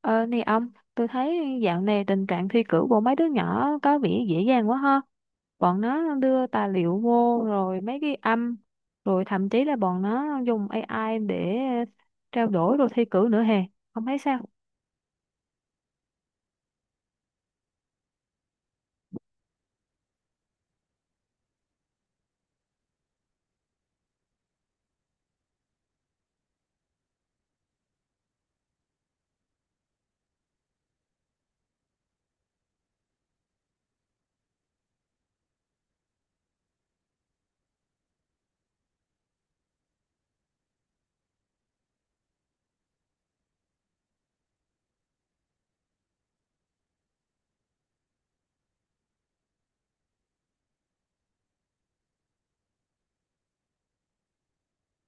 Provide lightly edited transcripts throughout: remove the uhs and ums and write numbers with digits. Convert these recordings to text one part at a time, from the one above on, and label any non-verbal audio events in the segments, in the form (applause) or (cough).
Ờ, nè ông, tôi thấy dạo này tình trạng thi cử của mấy đứa nhỏ có vẻ dễ dàng quá ha. Bọn nó đưa tài liệu vô rồi mấy cái âm, rồi thậm chí là bọn nó dùng AI để trao đổi rồi thi cử nữa hè. Ông thấy sao?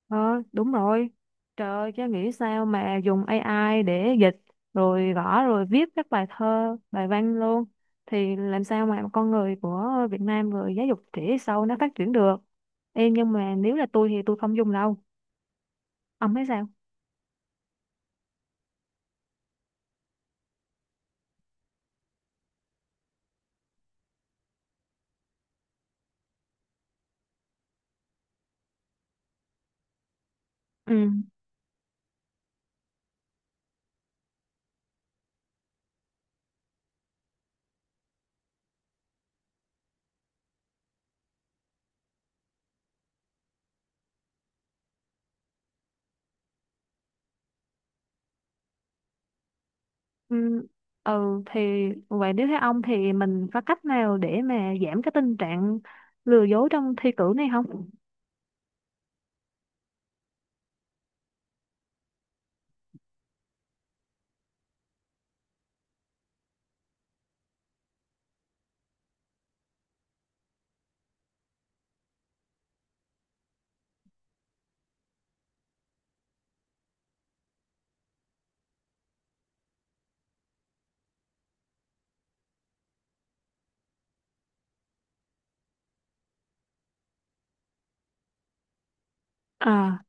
Ờ, đúng rồi. Trời ơi, chứ nghĩ sao mà dùng AI để dịch rồi gõ rồi viết các bài thơ, bài văn luôn. Thì làm sao mà con người của Việt Nam rồi giáo dục trẻ sau nó phát triển được. Ê, nhưng mà nếu là tôi thì tôi không dùng đâu. Ông thấy sao? Ừ. ừ, ừ thì vậy nếu theo ông thì mình có cách nào để mà giảm cái tình trạng lừa dối trong thi cử này không? à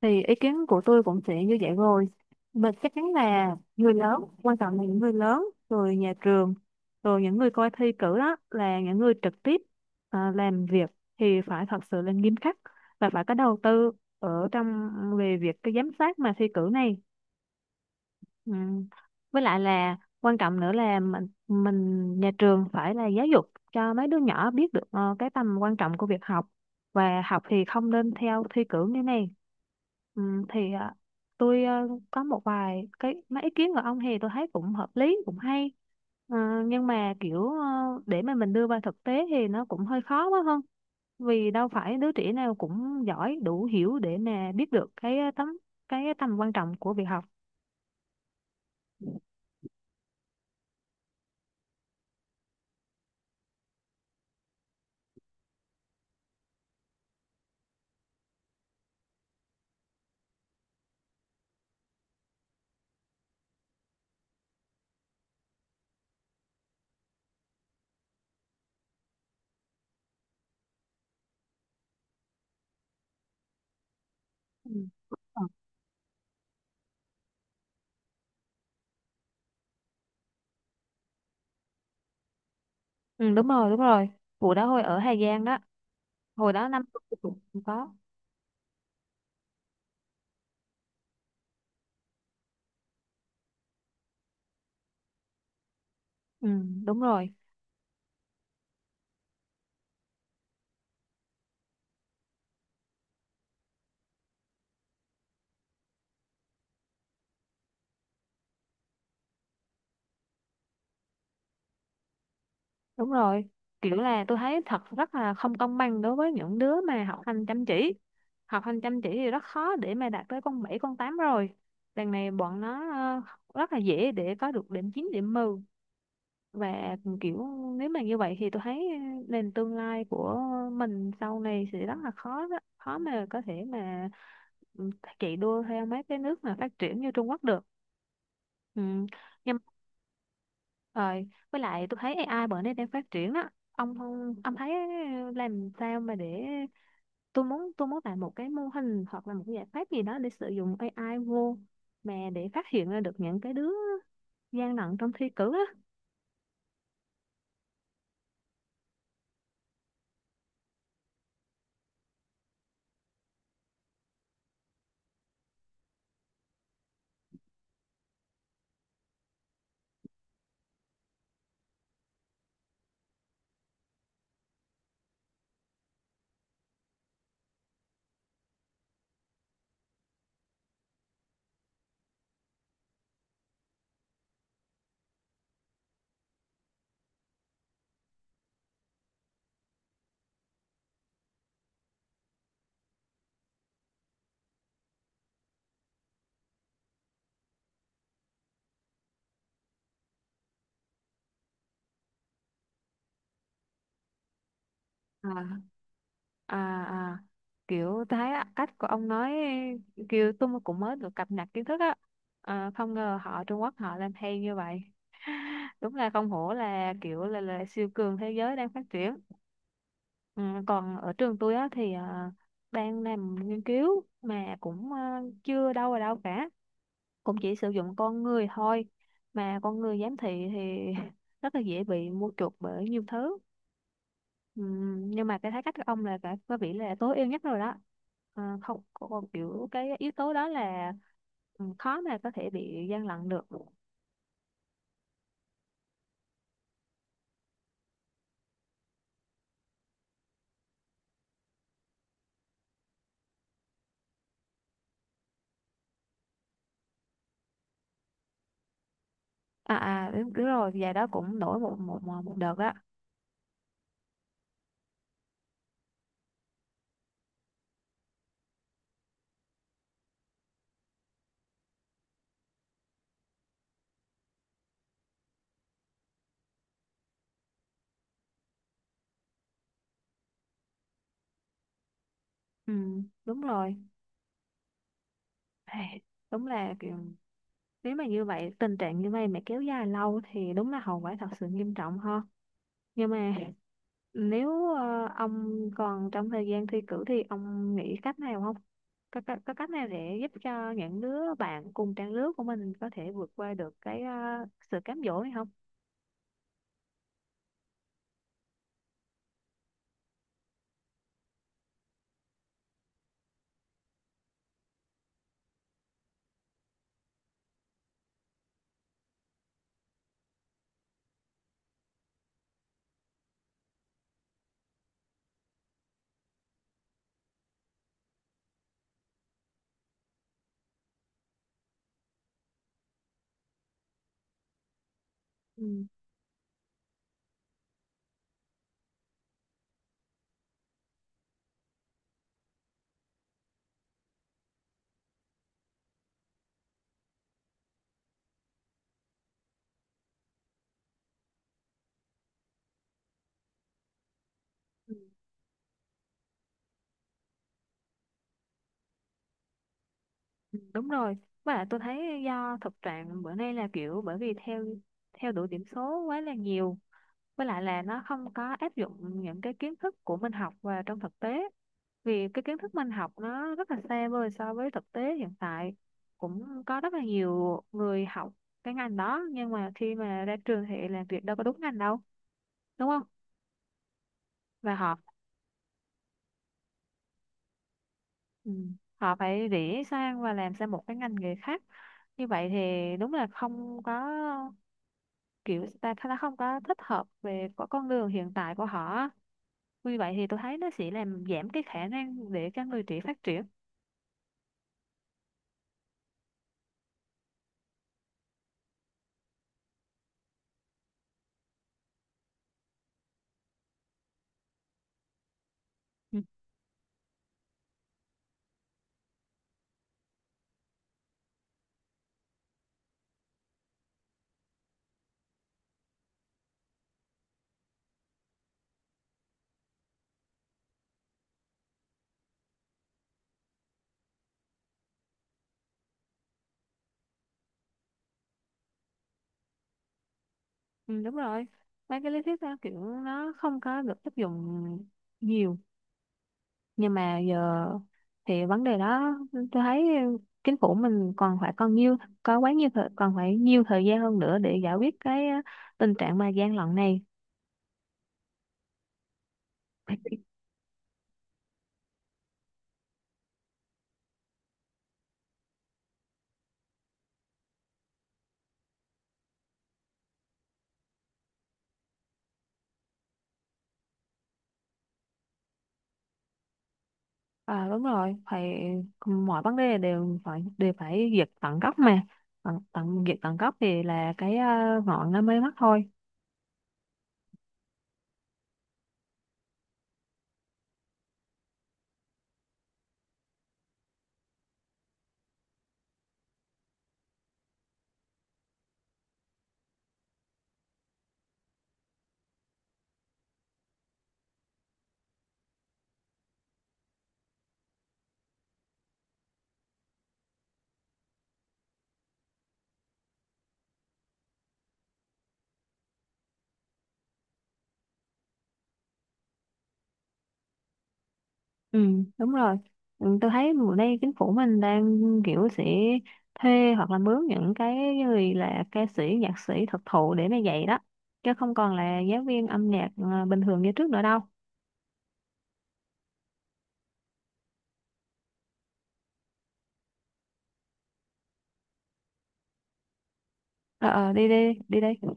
thì ý kiến của tôi cũng sẽ như vậy rồi. Mình chắc chắn là người lớn, quan trọng là những người lớn, rồi nhà trường, rồi những người coi thi cử đó là những người trực tiếp làm việc thì phải thật sự là nghiêm khắc và phải có đầu tư ở trong về việc cái giám sát mà thi cử này. Ừ. Với lại là quan trọng nữa là mình nhà trường phải là giáo dục cho mấy đứa nhỏ biết được cái tầm quan trọng của việc học và học thì không nên theo thi cử như này. Ừ, thì ờ, tôi ờ, có một vài cái mấy ý kiến của ông thì tôi thấy cũng hợp lý cũng hay. Ờ, nhưng mà kiểu để mà mình đưa vào thực tế thì nó cũng hơi khó quá không? Vì đâu phải đứa trẻ nào cũng giỏi đủ hiểu để mà biết được cái ờ, tấm cái tầm quan trọng của việc học. Ừ. Ờ. Ừ, đúng rồi, đúng rồi, vụ đó hồi ở Hà Giang đó, hồi đó năm tôi cũng có. Ừ, đúng rồi, đúng rồi, kiểu là tôi thấy thật rất là không công bằng đối với những đứa mà học hành chăm chỉ. Học hành chăm chỉ thì rất khó để mà đạt tới con 7 con 8 rồi, đằng này bọn nó rất là dễ để có được điểm 9 điểm mười. Và kiểu, nếu mà như vậy thì tôi thấy nền tương lai của mình sau này sẽ rất là khó đó. Khó mà có thể mà, ừ, chạy đua theo mấy cái nước mà phát triển như Trung Quốc được. Ừ. Nhưng rồi, với lại tôi thấy AI bữa nay đang phát triển đó. Ông không, ông thấy làm sao mà để, tôi muốn làm một cái mô hình hoặc là một cái giải pháp gì đó để sử dụng AI vô mà để phát hiện ra được những cái đứa gian lận trong thi cử á. à à à, kiểu thấy á, cách của ông nói, kiểu tôi cũng mới được cập nhật kiến thức á. Không ngờ họ Trung Quốc họ làm hay như vậy. (laughs) Đúng là không hổ là là siêu cường thế giới đang phát triển. Ừ, còn ở trường tôi á thì đang làm nghiên cứu mà cũng chưa đâu vào đâu cả, cũng chỉ sử dụng con người thôi, mà con người giám thị thì (laughs) rất là dễ bị mua chuộc bởi nhiều thứ. Ừ, nhưng mà cái thái cách của ông là phải có vẻ là tối ưu nhất rồi đó. Không còn kiểu cái yếu tố đó là, ừ, khó mà có thể bị gian lận được. À, à đúng, đúng rồi, và đó cũng nổi một một một một đợt đó. Ừ, đúng rồi. Ai, đúng là kiểu, nếu mà như vậy tình trạng như vậy mà kéo dài lâu thì đúng là hậu quả thật sự nghiêm trọng ha. Nhưng mà, nếu ông còn trong thời gian thi cử thì ông nghĩ cách nào không? Có cách nào để giúp cho những đứa bạn cùng trang lứa của mình có thể vượt qua được sự cám dỗ này không? Ừ. ừ, ừ, Đúng rồi. Với lại tôi thấy do thực trạng bữa nay là kiểu bởi vì theo theo đuổi điểm số quá là nhiều. Với lại là nó không có áp dụng những cái kiến thức của mình học vào trong thực tế. Vì cái kiến thức mình học nó rất là xa vời so với thực tế hiện tại, cũng có rất là nhiều người học cái ngành đó nhưng mà khi mà ra trường thì làm việc đâu có đúng ngành đâu, đúng không? Và họ, ừ, họ phải rẽ sang và làm sang một cái ngành nghề khác. Như vậy thì đúng là không có, kiểu ta ta không có thích hợp về có con đường hiện tại của họ. Vì vậy thì tôi thấy nó sẽ làm giảm cái khả năng để cho người trẻ phát triển. Ừ, đúng rồi, mấy cái lý thuyết đó kiểu nó không có được áp dụng nhiều. Nhưng mà giờ thì vấn đề đó tôi thấy chính phủ mình còn phải còn nhiều có quá nhiều thời, còn phải nhiều thời gian hơn nữa để giải quyết cái tình trạng mà gian lận này. À đúng rồi, phải, mọi vấn đề đều phải diệt tận gốc mà. Tận, tận Diệt tận gốc thì là cái ngọn nó mới mất thôi. Ừ, đúng rồi. Ừ, tôi thấy mùa nay chính phủ mình đang kiểu sẽ thuê hoặc là mướn những cái người là ca sĩ, nhạc sĩ thực thụ để mà dạy đó. Chứ không còn là giáo viên âm nhạc bình thường như trước nữa đâu. Ờ, đi đi, đi đi.